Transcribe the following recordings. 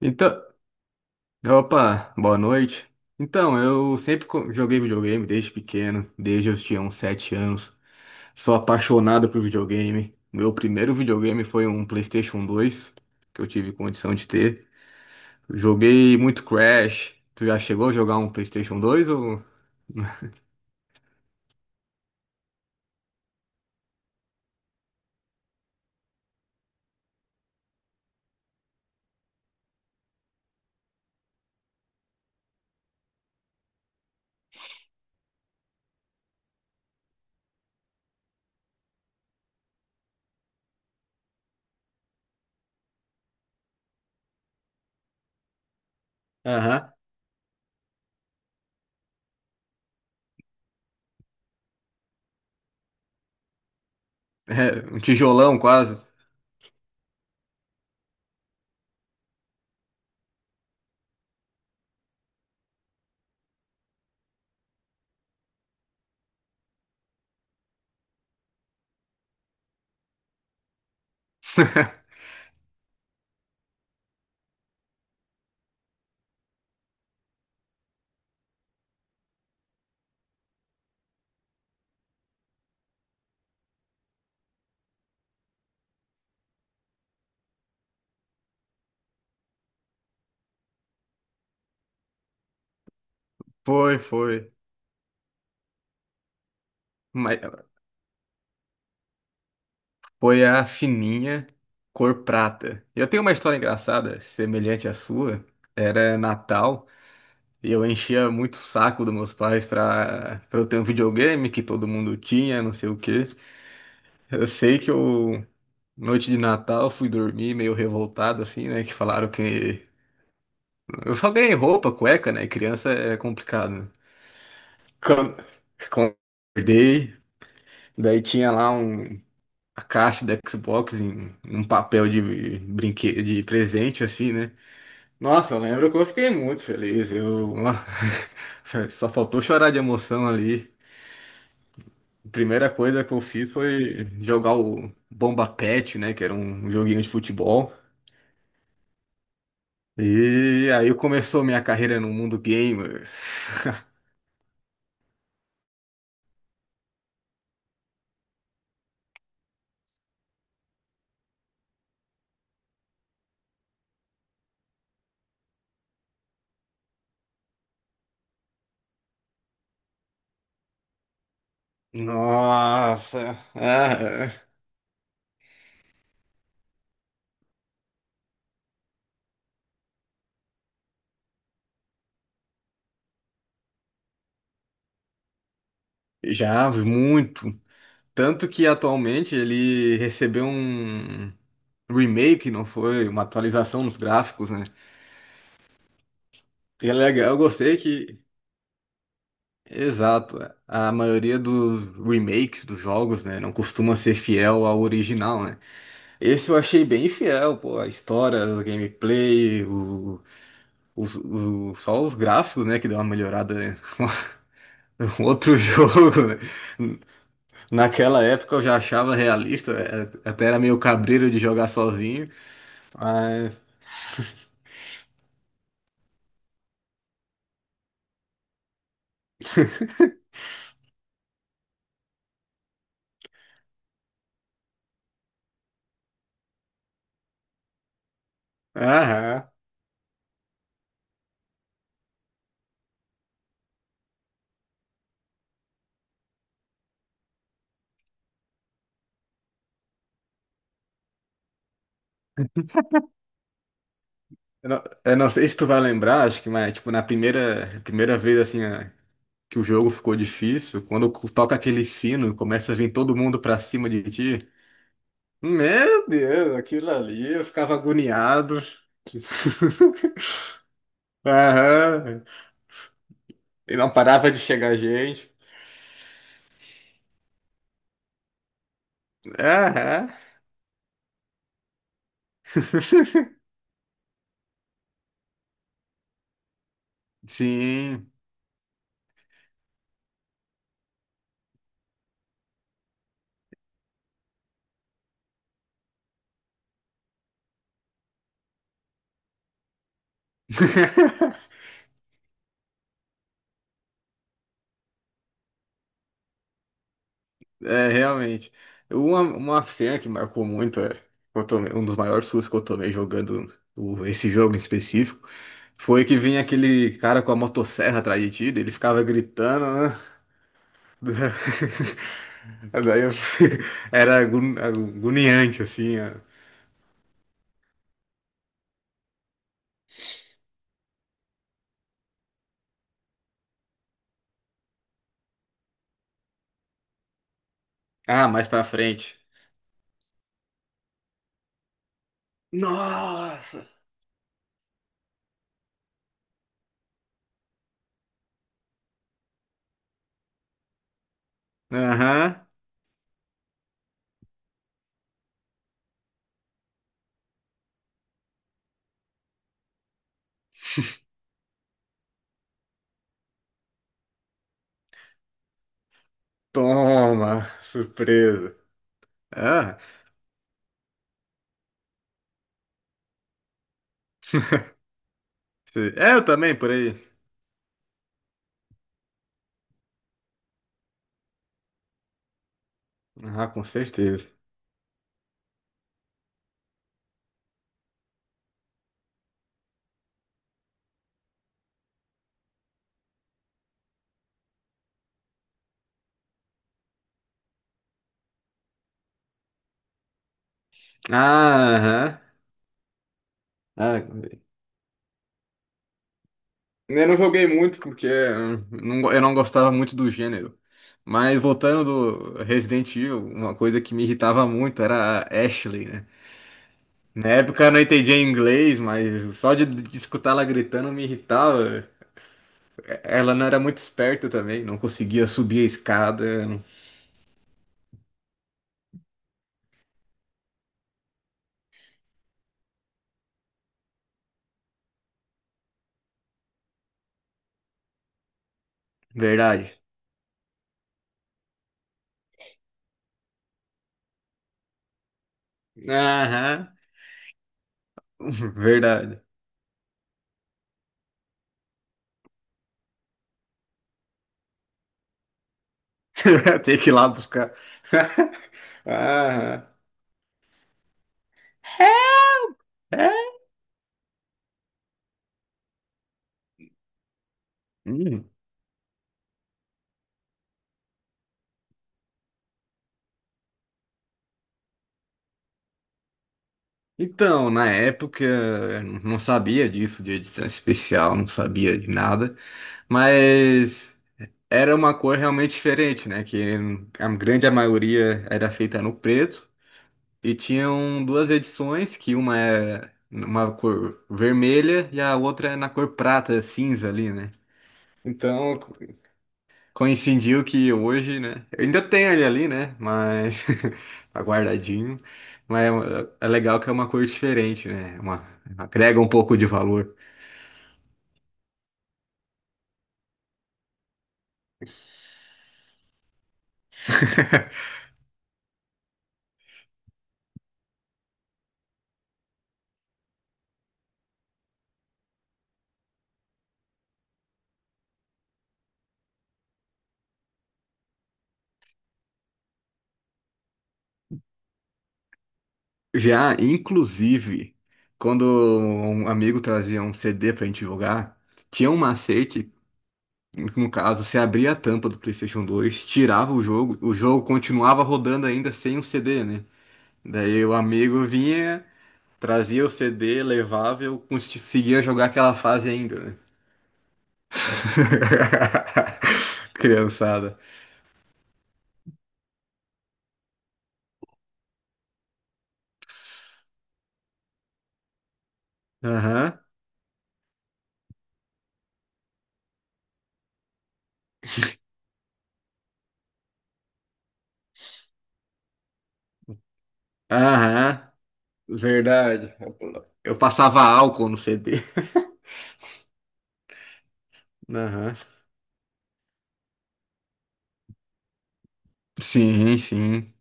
Então, opa, boa noite. Então, eu sempre joguei videogame desde pequeno, desde eu tinha uns 7 anos. Sou apaixonado por videogame. Meu primeiro videogame foi um PlayStation 2, que eu tive condição de ter. Joguei muito Crash. Tu já chegou a jogar um PlayStation 2 ou Aham. Um tijolão quase? Foi, foi. Mas, foi a fininha, cor prata. Eu tenho uma história engraçada, semelhante à sua. Era Natal e eu enchia muito o saco dos meus pais para eu ter um videogame que todo mundo tinha, não sei o quê. Eu sei que eu, noite de Natal, fui dormir meio revoltado assim, né, que falaram que eu só ganhei roupa, cueca, né? Criança é complicado, né? Quando... quando acordei, daí tinha lá um, a caixa da Xbox, em um papel de brinquedo, de presente, assim, né? Nossa, eu lembro que eu fiquei muito feliz. Eu só faltou chorar de emoção ali. A primeira coisa que eu fiz foi jogar o Bomba Patch, né? Que era um joguinho de futebol. E aí começou minha carreira no mundo gamer. Nossa, ah, já muito. Tanto que atualmente ele recebeu um remake, não foi, uma atualização nos gráficos, né? E é legal, eu gostei que, exato, a maioria dos remakes dos jogos, né, não costuma ser fiel ao original, né? Esse eu achei bem fiel, pô, a história, o gameplay, o, só os gráficos, né, que deu uma melhorada, né? Um outro jogo, né? Naquela época eu já achava realista, até era meio cabreiro de jogar sozinho, mas... Aham. Eu não sei se tu vai lembrar, acho que, mas, tipo, na primeira vez, assim, que o jogo ficou difícil, quando toca aquele sino, começa a vir todo mundo pra cima de ti. Meu Deus, aquilo ali, eu ficava agoniado. Aham. E não parava de chegar gente. Aham. Sim. É, realmente. Uma cena que marcou muito, é, que eu um dos maiores sustos que eu tomei jogando esse jogo em específico, foi que vinha aquele cara com a motosserra atrás de ti, daí ele ficava gritando, né? Daí eu, era agoniante, assim. Ó. Ah, mais pra frente. Nossa! Aham. Toma! Surpresa. Ah, é, eu também, por aí. Ah, com certeza. Ah, aham. Ah, eu não joguei muito porque eu não gostava muito do gênero. Mas voltando do Resident Evil, uma coisa que me irritava muito era a Ashley, né? Na época eu não entendia inglês, mas só de escutar ela gritando me irritava. Ela não era muito esperta também, não conseguia subir a escada. Não. Verdade. Aham, verdade. Tem que ir lá buscar. Aham. É. É? Hum. Então, na época, eu não sabia disso de edição especial, não sabia de nada, mas era uma cor realmente diferente, né? Que a grande maioria era feita no preto e tinham duas edições, que uma é uma cor vermelha e a outra é na cor prata, cinza ali, né? Então, coincidiu que hoje, né, eu ainda tenho ele ali, né? Mas tá guardadinho. Mas é uma- é legal que é uma cor diferente, né? Uma, agrega um pouco de valor. Já, inclusive, quando um amigo trazia um CD pra gente jogar, tinha um macete, no caso, você abria a tampa do PlayStation 2, tirava o jogo continuava rodando ainda sem o CD, né? Daí o amigo vinha, trazia o CD, levava e eu conseguia jogar aquela fase ainda, né? Criançada. Aham. Aham. Verdade. Eu passava álcool no CD. Aham. Sim, sim.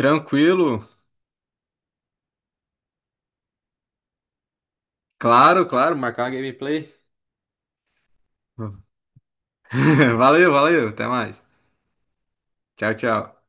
Tranquilo. Claro, claro. Marcar uma gameplay. Valeu, valeu. Até mais. Tchau, tchau.